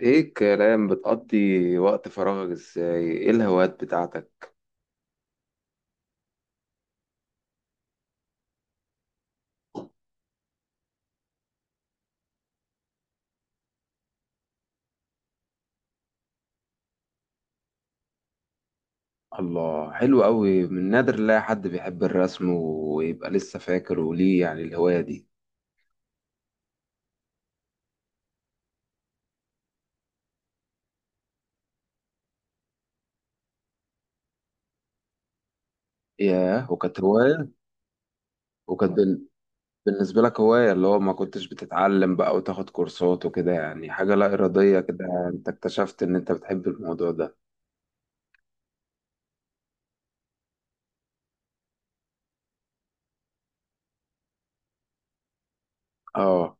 ايه الكلام؟ بتقضي وقت فراغك ازاي؟ ايه الهوايات بتاعتك؟ الله، حلو قوي. من نادر لا حد بيحب الرسم ويبقى لسه فاكر. وليه يعني الهواية دي؟ ياه، وكانت هواية. وكانت بال- بالنسبة لك هواية؟ اللي هو ما كنتش بتتعلم بقى وتاخد كورسات وكده، يعني حاجة لا إرادية كده، يعني انت اكتشفت ان انت بتحب الموضوع ده. اه.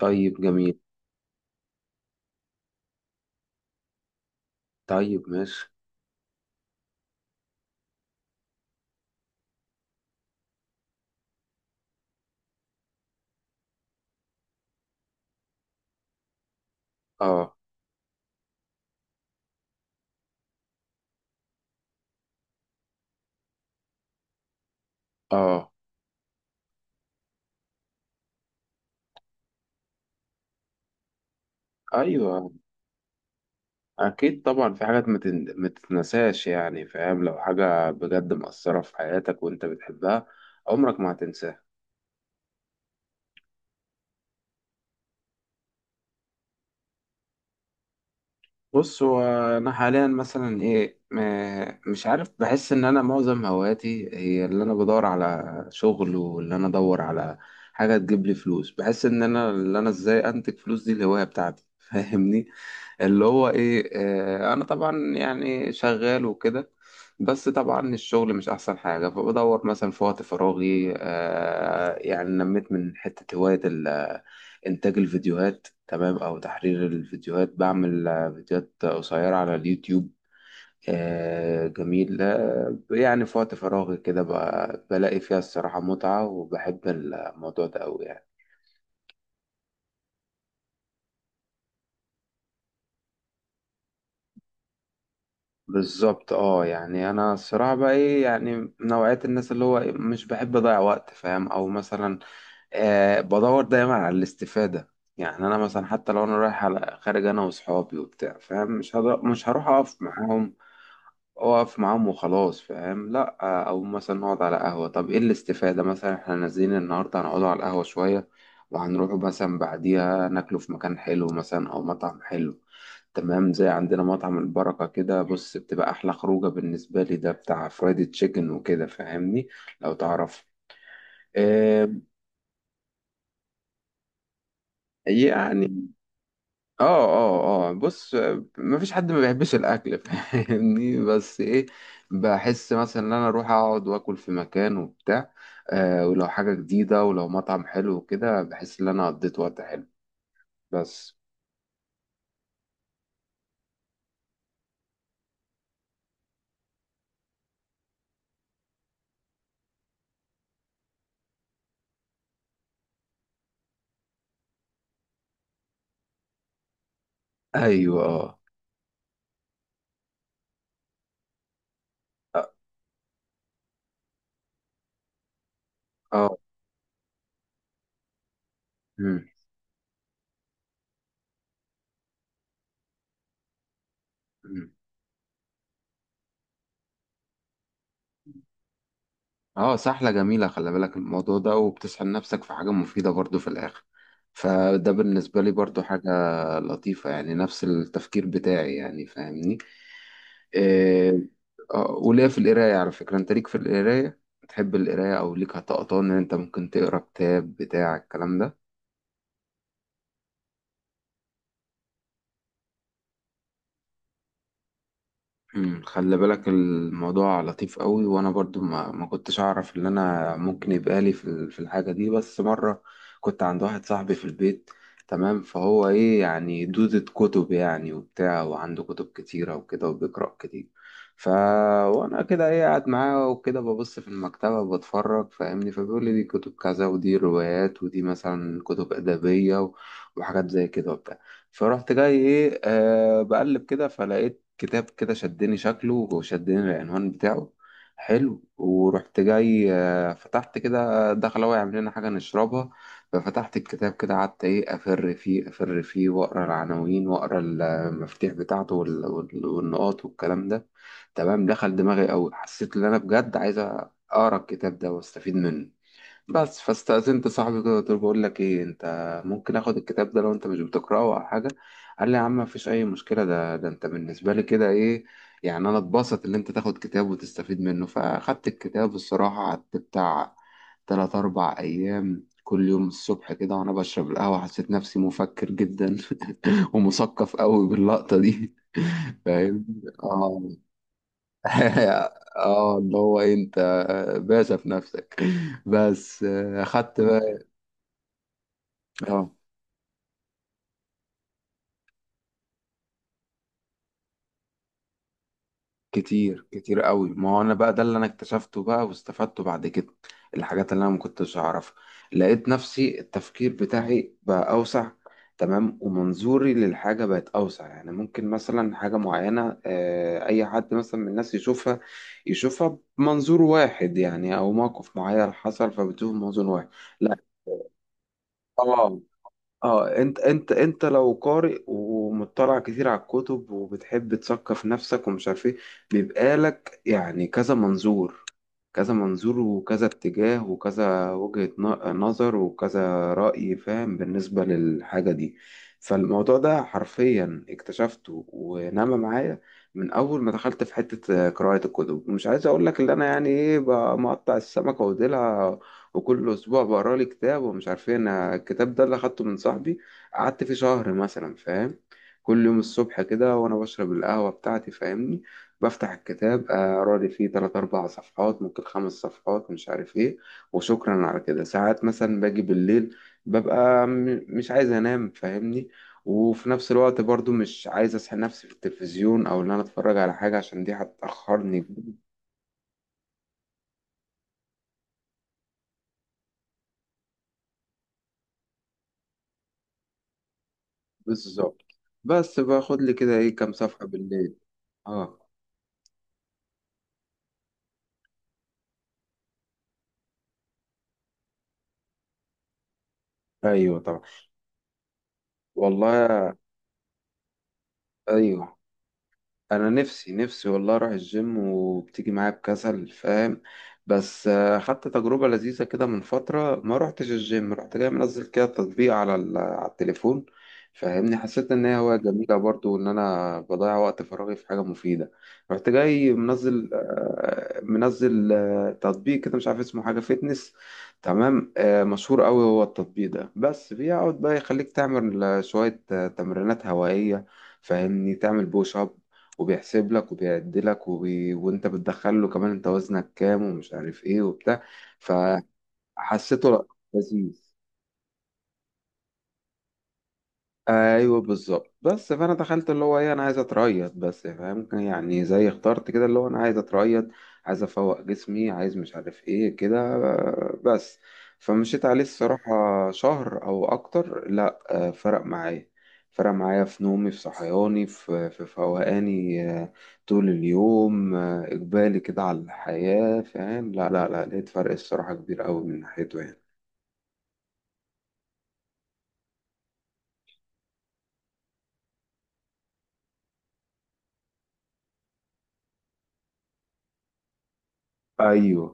طيب جميل. طيب ماشي. اه. اه. ايوه. أكيد طبعا في حاجات ما تتنساش، يعني فاهم؟ لو حاجة بجد مأثرة في حياتك وأنت بتحبها عمرك ما هتنساها. بص، هو أنا حاليا مثلا إيه، مش عارف، بحس إن أنا معظم هواياتي هي اللي أنا بدور على شغل، واللي أنا أدور على حاجة تجيب لي فلوس. بحس إن أنا اللي أنا إزاي أنتج فلوس دي الهواية بتاعتي. فاهمني؟ اللي هو ايه، انا طبعا يعني شغال وكده. بس طبعا الشغل مش احسن حاجة، فبدور مثلا في وقت فراغي، يعني نميت من حتة هواية انتاج الفيديوهات، تمام، او تحرير الفيديوهات. بعمل فيديوهات قصيرة على اليوتيوب. آه جميل. آه يعني في وقت فراغي كده بلاقي فيها الصراحة متعة، وبحب الموضوع ده أوي يعني. بالظبط. اه يعني انا الصراحه بقى ايه، يعني من نوعيه الناس اللي هو إيه، مش بحب اضيع وقت، فاهم؟ او مثلا بدور دايما على الاستفاده. يعني انا مثلا حتى لو انا رايح على خارج انا واصحابي وبتاع، فاهم، مش هروح اقف معاهم. اقف معاهم وخلاص، فاهم؟ لا. او مثلا نقعد على قهوة، طب ايه الاستفادة؟ مثلا احنا نازلين النهاردة هنقعدوا على القهوة شوية، وهنروح مثلا بعديها ناكلوا في مكان حلو، مثلا او مطعم حلو، تمام؟ زي عندنا مطعم البركة كده، بص، بتبقى أحلى خروجة بالنسبة لي، ده بتاع فرايدي تشيكن وكده، فاهمني؟ لو تعرف. آه. يعني. اه اه اه، بص، مفيش حد ما بيحبش الاكل. فاهمني؟ بس ايه، بحس مثلا ان انا اروح اقعد واكل في مكان وبتاع، آه، ولو حاجه جديده، ولو مطعم حلو وكده، بحس ان انا قضيت وقت حلو، بس. ايوه. اه. اه. آه. مم. مم. اه، سحلة جميلة. خلي بالك الموضوع ده، وبتسحل نفسك في حاجة مفيدة برضو في الآخر، فده بالنسبة لي برضو حاجة لطيفة، يعني نفس التفكير بتاعي، يعني فاهمني؟ إيه. آه، وليا في القراية على فكرة، انت ليك في القراية؟ تحب القراية؟ او ليك هتقطان ان انت ممكن تقرا كتاب بتاع الكلام ده؟ مم، خلي بالك الموضوع لطيف قوي، وانا برضو ما كنتش اعرف ان انا ممكن يبقى لي في في الحاجه دي، بس مره كنت عند واحد صاحبي في البيت، تمام، فهو ايه، يعني دودة كتب يعني، وبتاع، وعنده كتب كتيره وكده، وبيقرا كتير، ف، وانا كده ايه، قاعد معاه وكده ببص في المكتبه بتفرج، فاهمني؟ فبيقول لي دي كتب كذا، ودي روايات، ودي مثلا كتب ادبيه، وحاجات زي كده وبتاع. فرحت جاي ايه، آه، بقلب كده، فلقيت كتاب كده شدني شكله وشدني العنوان بتاعه، حلو، ورحت جاي، آه، فتحت كده. دخل هو يعمل لنا حاجة نشربها، ففتحت الكتاب كده، قعدت ايه، أفر فيه، أفر فيه، وأقرأ العناوين، وأقرأ المفاتيح بتاعته، والنقاط والكلام ده، تمام، دخل دماغي أوي. حسيت إن أنا بجد عايز أقرأ الكتاب ده وأستفيد منه، بس. فاستأذنت صاحبي كده، قلت له بقول لك ايه، انت ممكن اخد الكتاب ده لو انت مش بتقراه او حاجه؟ قال لي يا عم، مفيش اي مشكله، ده انت بالنسبه لي كده ايه، يعني انا اتبسط ان انت تاخد كتاب وتستفيد منه. فاخدت الكتاب الصراحه، قعدت بتاع تلات اربع ايام، كل يوم الصبح كده وانا بشرب القهوه، حسيت نفسي مفكر جدا ومثقف قوي باللقطه دي. فاهم؟ اه. اه اللي هو إيه، انت باشا في نفسك، بس. آه، اخدت بقى. اه. كتير كتير قوي. ما هو انا بقى ده اللي انا اكتشفته بقى واستفدته بعد كده، الحاجات اللي انا ما كنتش اعرفها. لقيت نفسي التفكير بتاعي بقى اوسع، تمام، ومنظوري للحاجة بقت اوسع. يعني ممكن مثلا حاجة معينة، آه، اي حد مثلا من الناس يشوفها يشوفها بمنظور واحد، يعني او موقف معين حصل فبتشوف منظور واحد. لا. اه. آه. اه، انت انت انت لو قارئ ومطلع كتير على الكتب وبتحب تثقف نفسك ومش عارف ايه، بيبقى لك يعني كذا منظور، كذا منظور، وكذا اتجاه، وكذا وجهة نظر، وكذا رأي، فاهم؟ بالنسبة للحاجة دي فالموضوع ده حرفيا اكتشفته ونما معايا من أول ما دخلت في حتة قراءة الكتب. ومش عايز أقول لك اللي أنا يعني إيه بقى، مقطع السمكة وديلها، وكل أسبوع بقرا لي كتاب ومش عارف إيه. أنا الكتاب ده اللي أخدته من صاحبي قعدت فيه شهر مثلا، فاهم؟ كل يوم الصبح كده وأنا بشرب القهوة بتاعتي، فاهمني؟ بفتح الكتاب، اقرا لي فيه تلات اربع صفحات، ممكن خمس صفحات، مش عارف ايه، وشكرا على كده. ساعات مثلا باجي بالليل، ببقى مش عايز انام، فاهمني؟ وفي نفس الوقت برضو مش عايز اسحب نفسي في التلفزيون، او ان انا اتفرج على حاجة عشان دي هتأخرني. بالظبط. بس باخد لي كده ايه كام صفحة بالليل. اه. ايوه طبعا. والله. ايوه. انا نفسي نفسي والله اروح الجيم، وبتيجي معايا بكسل، فاهم؟ بس آه، خدت تجربة لذيذة كده من فترة. ما روحتش الجيم، رحت جاي منزل كده تطبيق على على التليفون، فاهمني؟ حسيت ان هي هواية جميلة برضو، وان انا بضيع وقت فراغي في حاجة مفيدة. رحت جاي منزل تطبيق كده مش عارف اسمه، حاجة فيتنس، تمام، آه، مشهور قوي هو التطبيق ده. بس بيقعد بقى يخليك تعمل شوية تمرينات هوائية، فاهمني؟ تعمل بوش اب، وبيحسب لك، وبيعدلك، وانت بتدخل له كمان انت وزنك كام ومش عارف ايه وبتاع، فحسيته لأ، لذيذ. ايوه بالظبط، بس فانا دخلت اللي هو ايه، انا عايز اتريض بس، فاهم؟ يعني زي اخترت كده اللي هو انا عايز اتريض، عايز افوق جسمي، عايز مش عارف ايه كده، آه، بس. فمشيت عليه الصراحة شهر او اكتر، لا آه، فرق معايا. فرق معايا في نومي، في صحياني، في فوقاني، آه، طول اليوم، آه، اقبالي كده على الحياة، فاهم؟ لا لا لا، لقيت فرق الصراحة كبير قوي من ناحيته يعني. ايوه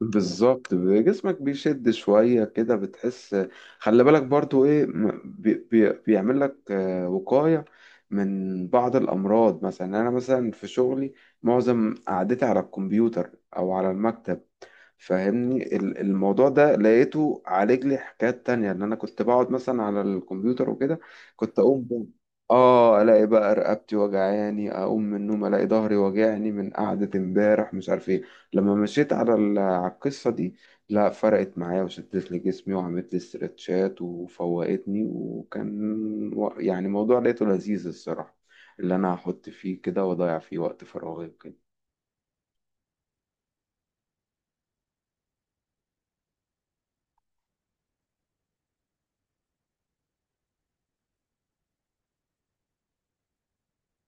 بالظبط، جسمك بيشد شوية كده، بتحس. خلي بالك برضو ايه، م- بي بي بيعمل لك آه، وقاية من بعض الأمراض، مثلا أنا مثلا في شغلي معظم قعدتي على الكمبيوتر أو على المكتب، فاهمني؟ الموضوع ده لقيته عالج لي حكايات تانية، ان انا كنت بقعد مثلا على الكمبيوتر وكده، كنت اقوم الاقي بقى رقبتي وجعاني، اقوم من النوم الاقي ظهري وجعني من قعدة امبارح، مش عارف ايه. لما مشيت على على القصة دي، لا فرقت معايا وشدت لي جسمي، وعملت لي استرتشات وفوقتني، يعني موضوع لقيته لذيذ الصراحة، اللي انا هحط فيه كده واضيع فيه وقت فراغي وكده.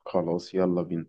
خلاص يلا بينا.